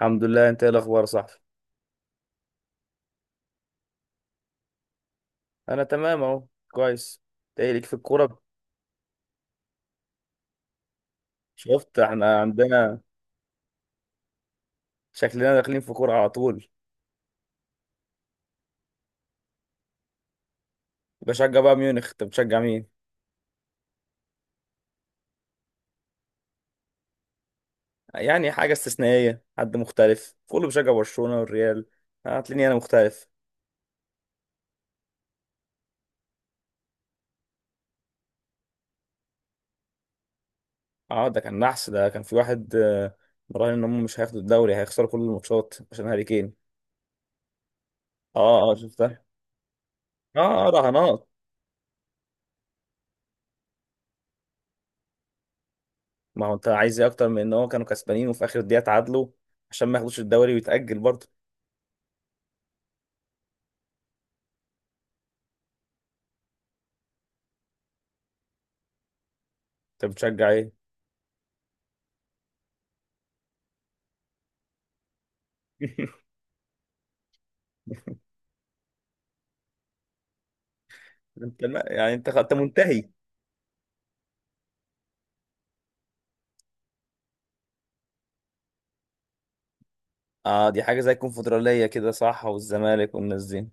الحمد لله، انت ايه الاخبار يا صاحبي؟ انا تمام اهو، كويس. انت ايه ليك في الكوره؟ شفت، احنا عندنا شكلنا داخلين في كوره على طول. بشجع بقى ميونخ، انت بتشجع مين؟ يعني حاجه استثنائيه، حد مختلف، كله بيشجع برشلونه والريال، هتلاقيني انا مختلف. اه، ده كان نحس، ده كان في واحد مراهن ان هم مش هياخدوا الدوري، هيخسروا كل الماتشات عشان هاري كين. اه اه، شفتها. اه اه، رهانات. ما هو انت عايز ايه اكتر من ان هو كانوا كسبانين وفي اخر دقيقه اتعادلوا عشان ما ياخدوش الدوري ويتاجل برضه؟ انت بتشجع ايه؟ يعني انت منتهي. اه، دي حاجه زي الكونفدراليه كده، صح؟ والزمالك والناس دي.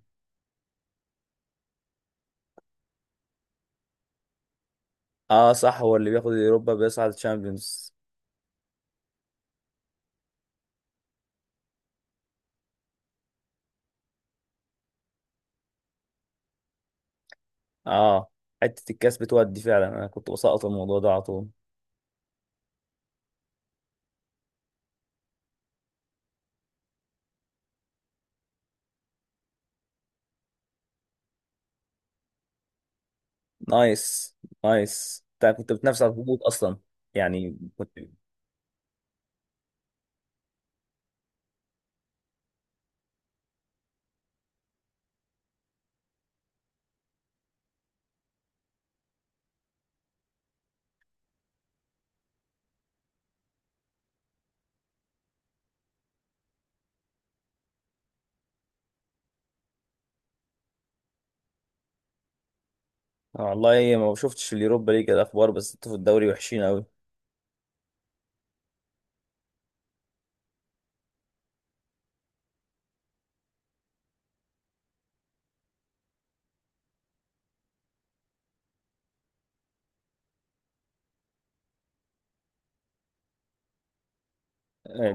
اه صح، هو اللي بياخد اليوروبا بيصعد الشامبيونز. اه، حته الكاس بتودي فعلا، انا كنت بسقط الموضوع ده على طول. نايس نايس، انت كنت بتنافس على الهبوط اصلا، يعني كنت. والله ما شفتش اليوروبا ليج الاخبار، بس انتوا في الدوري وحشين قوي.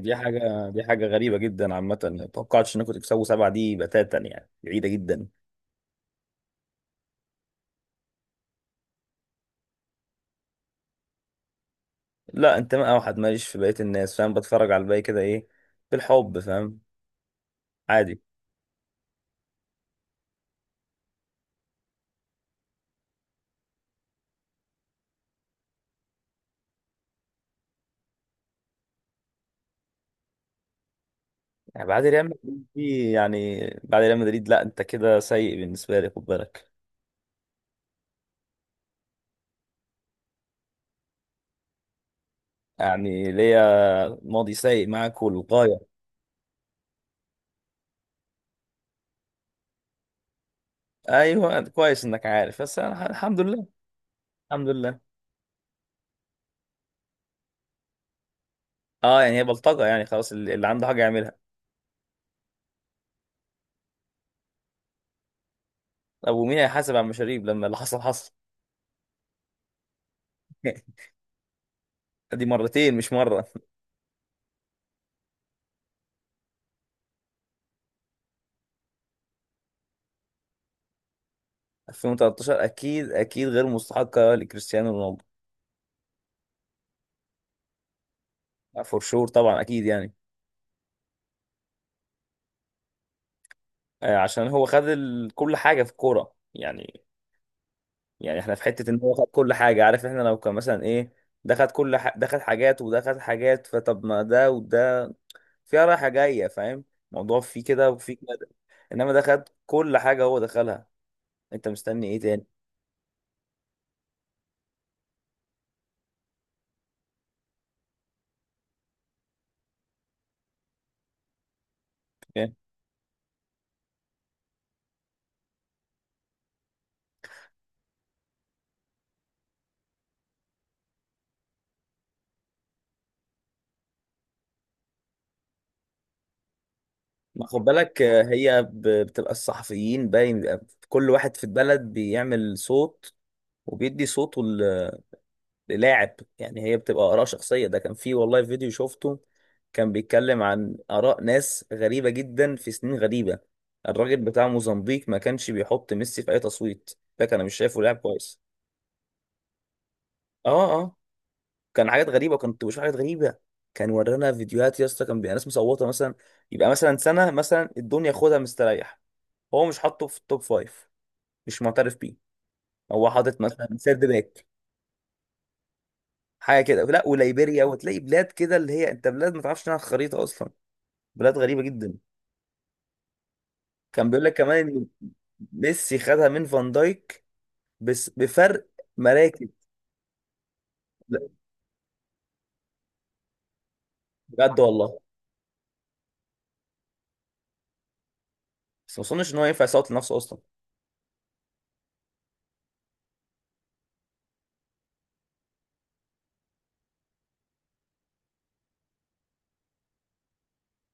دي حاجه غريبه جدا، عامه ما توقعتش انكم تكسبوا 7 دي بتاتا، يعني بعيده جدا. لا، انتماء اوحد ماليش في بقيه الناس، فاهم؟ بتفرج على الباقي كده، ايه بالحب، فاهم؟ عادي. يعني بعد ريال مدريد دي، يعني بعد ريال مدريد، لا انت كده سيء بالنسبه لي، خد بالك. يعني ليا ماضي سيء معاك والغايه. ايوه، كويس انك عارف، بس أنا الحمد لله، الحمد لله. اه، يعني هي بلطجه، يعني خلاص، اللي عنده حاجه يعملها. طب ومين هيحاسب على المشاريب لما اللي حصل حصل؟ دي مرتين مش مره. 2013 اكيد اكيد غير مستحقه لكريستيانو رونالدو. فور شور طبعا، اكيد يعني. عشان هو خد كل حاجه في الكوره يعني. يعني احنا في حته ان هو خد كل حاجه، عارف؟ احنا لو كان مثلا ايه، ده خد حاجات وده خد حاجات، فطب ما ده وده، فيها رايحه جايه، فاهم؟ الموضوع فيه كده وفيه كده. انما ده خد كل حاجه، هو دخلها. انت مستني ايه تاني؟ فاهم؟ ما خد بالك، هي بتبقى الصحفيين، باين بيبقى كل واحد في البلد بيعمل صوت وبيدي صوته للاعب، يعني هي بتبقى آراء شخصية. ده كان في والله فيديو شفته، كان بيتكلم عن آراء ناس غريبة جدا في سنين غريبة. الراجل بتاع موزمبيق ما كانش بيحط ميسي في أي تصويت، ده كان مش شايفه لاعب كويس. اه اه، كان حاجات غريبة، كنت بشوف حاجات غريبة. كان ورانا فيديوهات يا اسطى، كان بيبقى ناس مصوتة مثلا، يبقى مثلا سنة مثلا الدنيا خدها مستريح، هو مش حاطه في التوب فايف، مش معترف بيه، هو حاطط مثلا سيرد باك، حاجه كده. لا وليبيريا، وتلاقي بلاد كده اللي هي انت بلاد ما تعرفش عنها الخريطه اصلا، بلاد غريبة جدا. كان بيقول لك كمان ان ميسي خدها من فان دايك، بس بفرق مراكز. لا، بجد والله. بس ما اظنش ان هو ينفع يصوت لنفسه اصلا.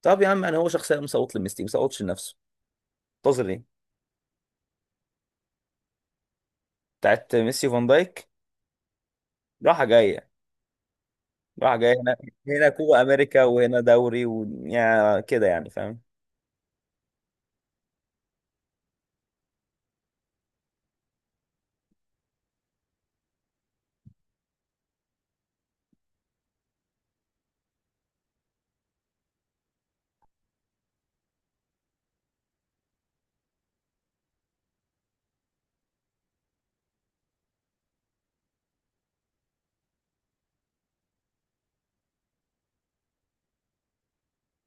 طب يا عم، انا هو شخصيا مصوت لميسي، ما صوتش لنفسه، منتظر ايه؟ بتاعت ميسي وفان دايك، راحة جاية، راحة جاية هنا، هنا كوبا امريكا وهنا دوري، ويعني كده يعني، فاهم؟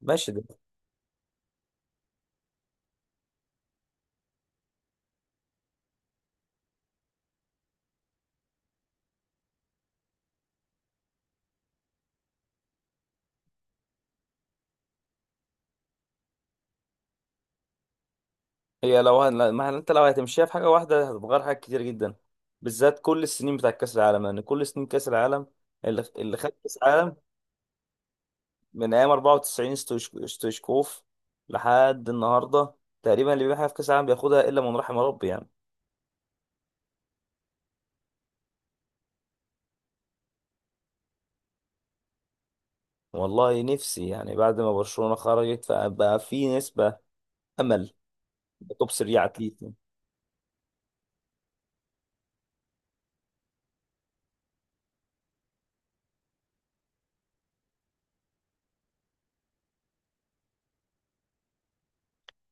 ماشي، ده. هي لو هن... ما هن- انت لو هتمشيها في حاجة واحدة، هتتغير حاجات كتير جدا، بالذات كل السنين بتاع كأس العالم، لان كل سنين كأس العالم اللي خد كأس العالم من ايام 94 ستويشكوف لحد النهارده، تقريبا اللي بيحقق في كاس العالم بياخدها، الا من رحم ربي يعني. والله نفسي، يعني بعد ما برشلونه خرجت فبقى في نسبه امل. توب 3 على اتليتي.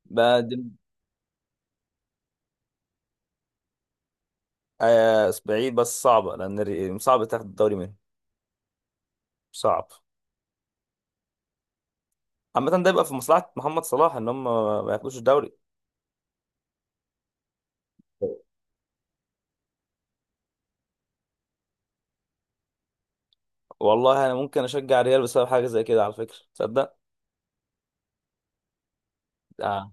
بعد آه، بعيد، بس صعبه لان صعب تاخد الدوري منهم، صعب. عامه ده يبقى في مصلحه محمد صلاح ان هم ما ياخدوش الدوري. والله انا ممكن اشجع الريال بسبب حاجه زي كده، على فكره، تصدق؟ آه.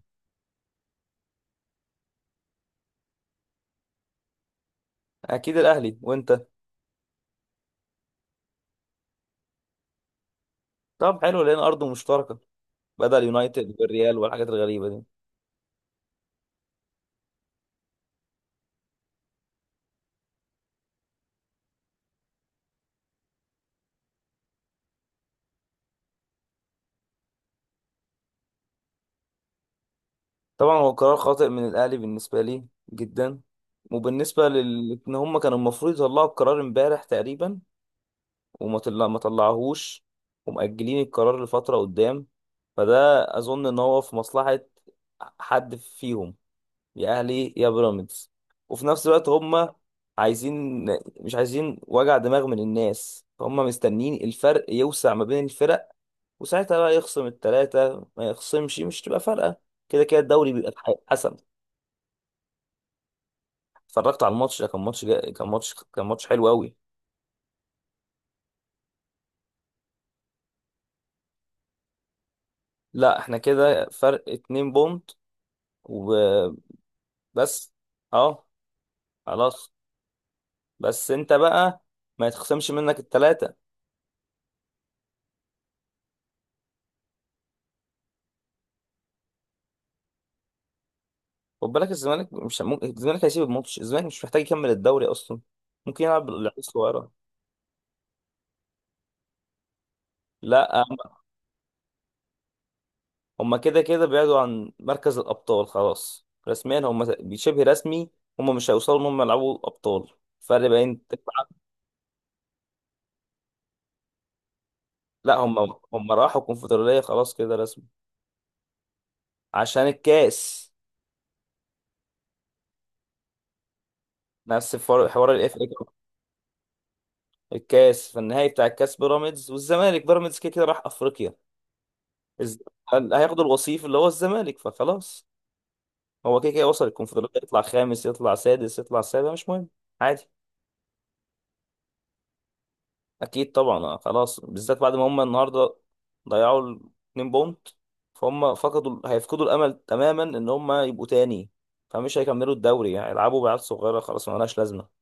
اكيد الاهلي، وانت؟ طب حلو لان ارضه مشتركه، بدأ اليونايتد والريال والحاجات الغريبة دي. طبعا هو قرار خاطئ من الأهلي بالنسبة لي، جدا. وبالنسبة لل، إن هم كانوا المفروض يطلعوا القرار امبارح تقريبا، وما طلع... ما طلعهوش، ومأجلين القرار لفترة قدام. فده أظن إن هو في مصلحة حد فيهم، يا أهلي يا بيراميدز، وفي نفس الوقت هم عايزين مش عايزين وجع دماغ من الناس، فهم مستنيين الفرق يوسع ما بين الفرق، وساعتها بقى يخصم التلاتة ما يخصمش، مش تبقى فارقة، كده كده الدوري بيبقى حسب. اتفرجت على الماتش، ده كان ماتش جا... كان ماتش كان ماتش حلو قوي. لا، احنا كده فرق 2 بونت، وبس. اه، خلاص. بس انت بقى ما يتخصمش منك التلاتة. خد بالك الزمالك مش ممكن، الزمالك هيسيب الماتش، الزمالك مش محتاج يكمل الدوري اصلا، ممكن يلعب بالعيال الصغيرة. لا، هما كده كده بعدوا عن مركز الأبطال خلاص، رسميا هما شبه رسمي، هما مش هيوصلوا إن هما يلعبوا أبطال، فرق بين 9. لا، هما راحوا الكونفدرالية خلاص كده، رسمي، عشان الكاس. حوار FA Cup. الكاس، في النهائي بتاع الكاس، بيراميدز والزمالك، بيراميدز كده كده راح أفريقيا، الز- اللي هياخدوا الوصيف اللي هو الزمالك، فخلاص، هو كده كده وصل الكونفدرالية، يطلع خامس يطلع سادس يطلع سابع مش مهم، عادي. اكيد طبعا، خلاص، بالذات بعد ما هم النهارده ضيعوا 2 بونت، فهم هيفقدوا الامل تماما ان هم يبقوا تاني، فمش هيكملوا الدوري يعني، يلعبوا بعيال صغيره، خلاص ما لهاش لازمه.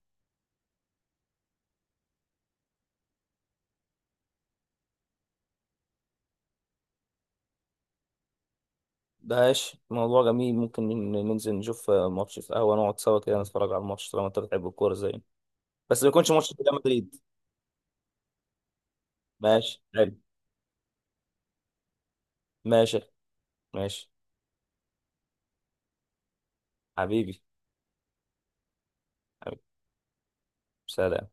ماشي، موضوع جميل، ممكن ننزل نشوف ماتش في قهوه، نقعد سوا كده، نتفرج على الماتش طالما انت بتحب الكوره زينا، بس ما يكونش ماتش ريال مدريد. ماشي حلو، ماشي ماشي. حبيبي، حبيبي. سلام.